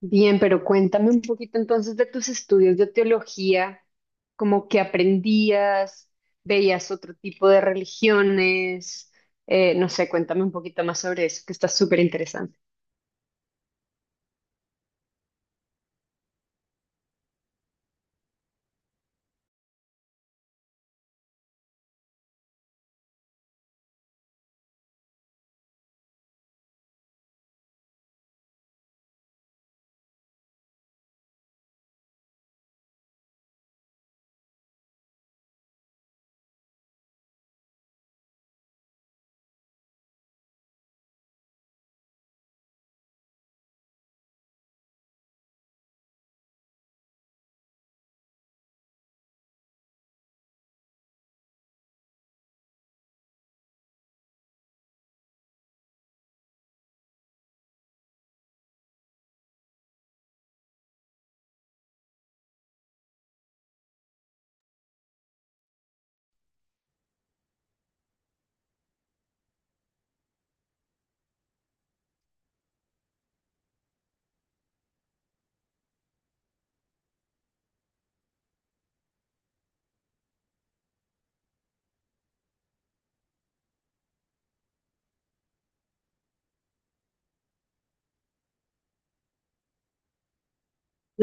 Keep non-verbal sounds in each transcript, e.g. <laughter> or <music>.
Bien, pero cuéntame un poquito entonces de tus estudios de teología, como que aprendías, veías otro tipo de religiones, no sé, cuéntame un poquito más sobre eso, que está súper interesante.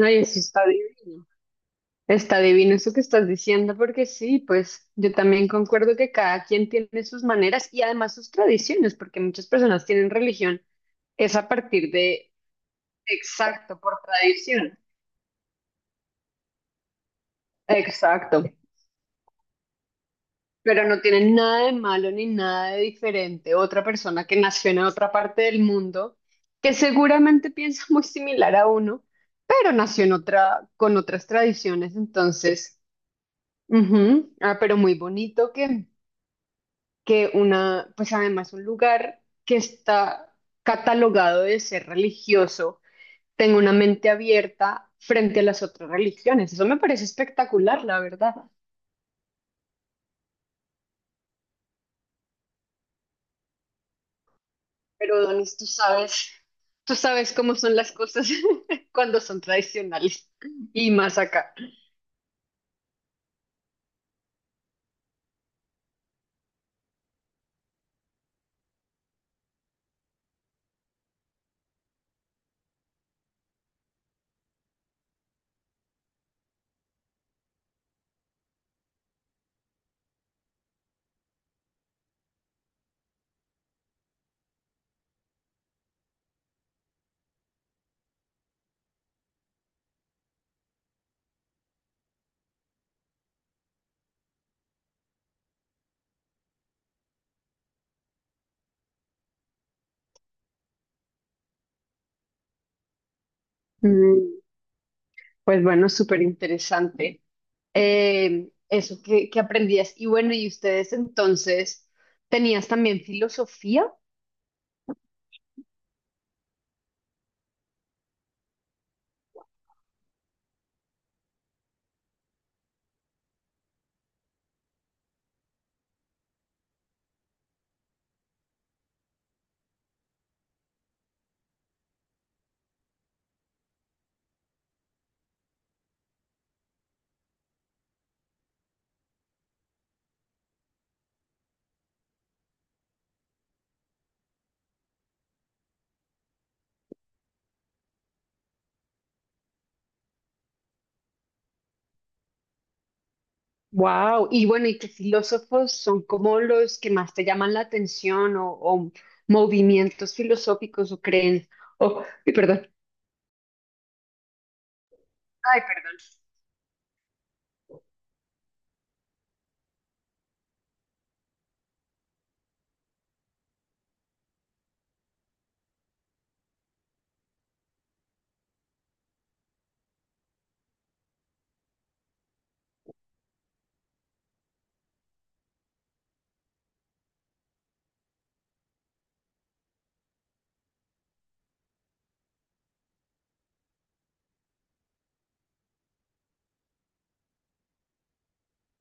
Ay, eso está divino. Está divino eso que estás diciendo, porque sí, pues yo también concuerdo que cada quien tiene sus maneras y además sus tradiciones, porque muchas personas tienen religión, es a partir de, exacto, por tradición. Exacto. Pero no tiene nada de malo ni nada de diferente. Otra persona que nació en otra parte del mundo, que seguramente <laughs> piensa muy similar a uno, pero nació en otra, con otras tradiciones. Entonces, ujú. Ah, pero muy bonito que una, pues además un lugar que está catalogado de ser religioso, tenga una mente abierta frente a las otras religiones. Eso me parece espectacular, la verdad. Pero Donis, tú sabes cómo son las cosas <laughs> cuando son tradicionales y más acá. Mm, pues bueno, súper interesante. Eso que aprendías. Y bueno, ¿y ustedes entonces tenías también filosofía? Wow, y bueno, ¿y qué filósofos son como los que más te llaman la atención o movimientos filosóficos o creen o, y perdón, ay, perdón?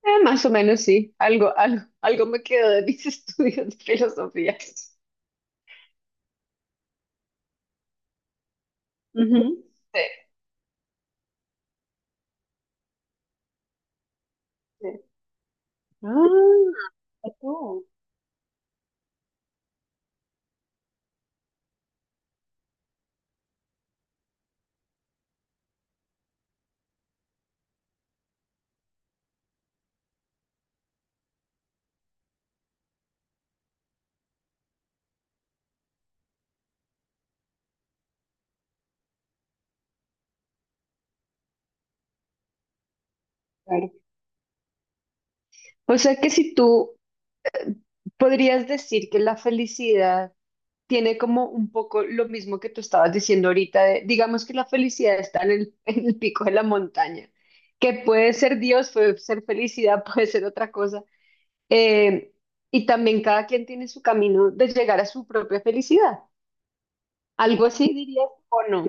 Más o menos sí, algo, algo, algo me quedó de mis <laughs> estudios de filosofía. Ujú. Sí, sí. Ah, tú. Claro. O sea que si tú eh, podrías decir que la felicidad tiene como un poco lo mismo que tú estabas diciendo ahorita, de- digamos que la felicidad está en el, <laughs> en el pico de la montaña, que puede ser Dios, puede ser felicidad, <laughs> puede ser otra cosa, eh, y también cada quien tiene su camino de llegar a su propia felicidad. ¿Algo así dirías o no?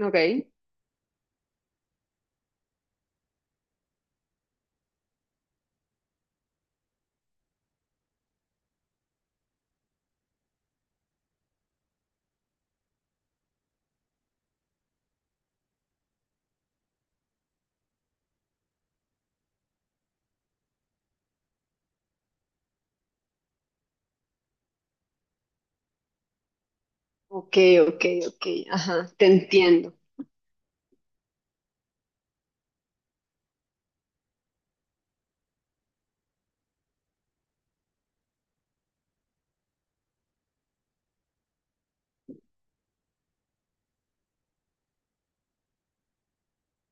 Ok, ok, ok, ok, ajá, te entiendo.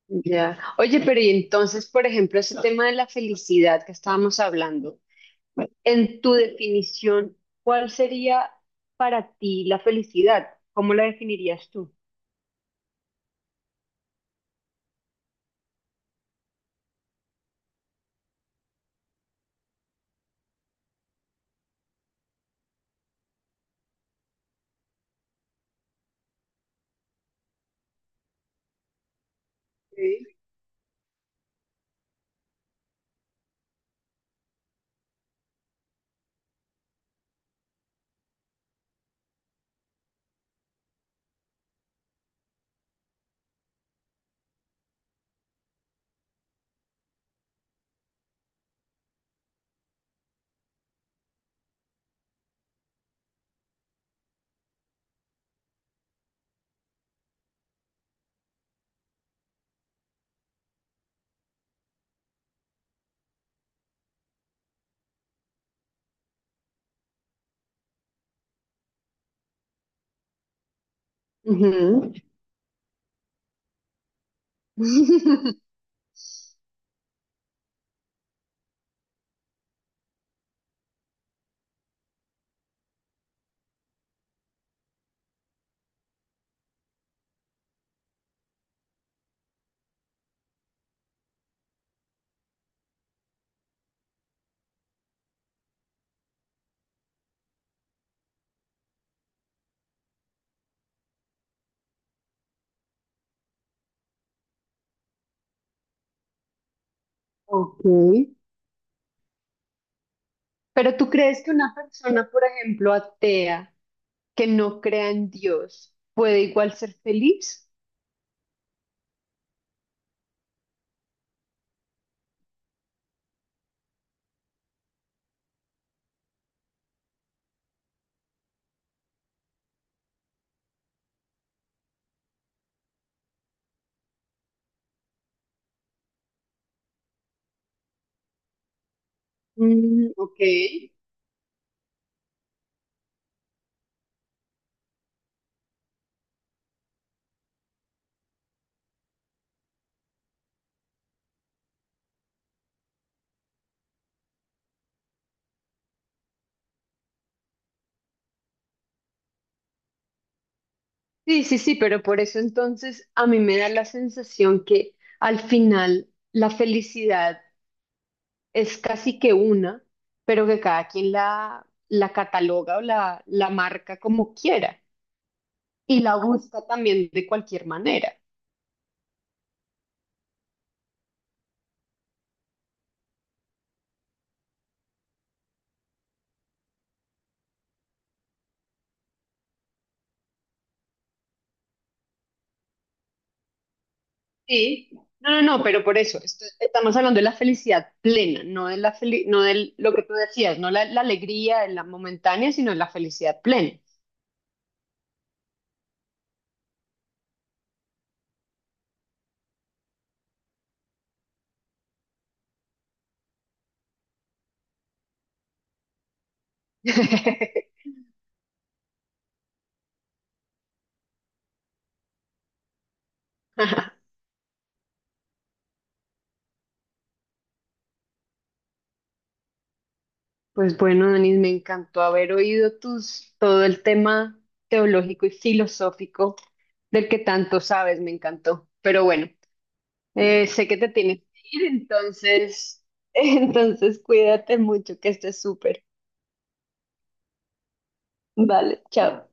Ya. Oye, pero y entonces, por ejemplo, ese tema de la felicidad que estábamos hablando, en tu definición, ¿cuál sería para ti la felicidad? ¿Cómo la definirías tú? Sí. Ujú. <laughs> Ok. Pero ¿tú crees que una persona, por ejemplo, atea, que no crea en Dios, puede igual ser feliz? Mm, ok. Sí, sí, sí, pero por eso entonces a mí me da la sensación que al final la felicidad es casi que una, pero que cada quien la, la cataloga o la marca como quiera y la busca también de cualquier manera. Sí, no, no, no, pero por eso esto- estamos hablando de la felicidad plena, no de la feli- no de lo que tú decías, no la, la alegría, la momentánea, sino la felicidad plena. <laughs> Pues bueno, Denis, me encantó haber oído tus, todo el tema teológico y filosófico del que tanto sabes, me encantó. Pero bueno, sé que te tienes que ir, entonces, <laughs> entonces cuídate mucho, que estés súper. Vale, chao.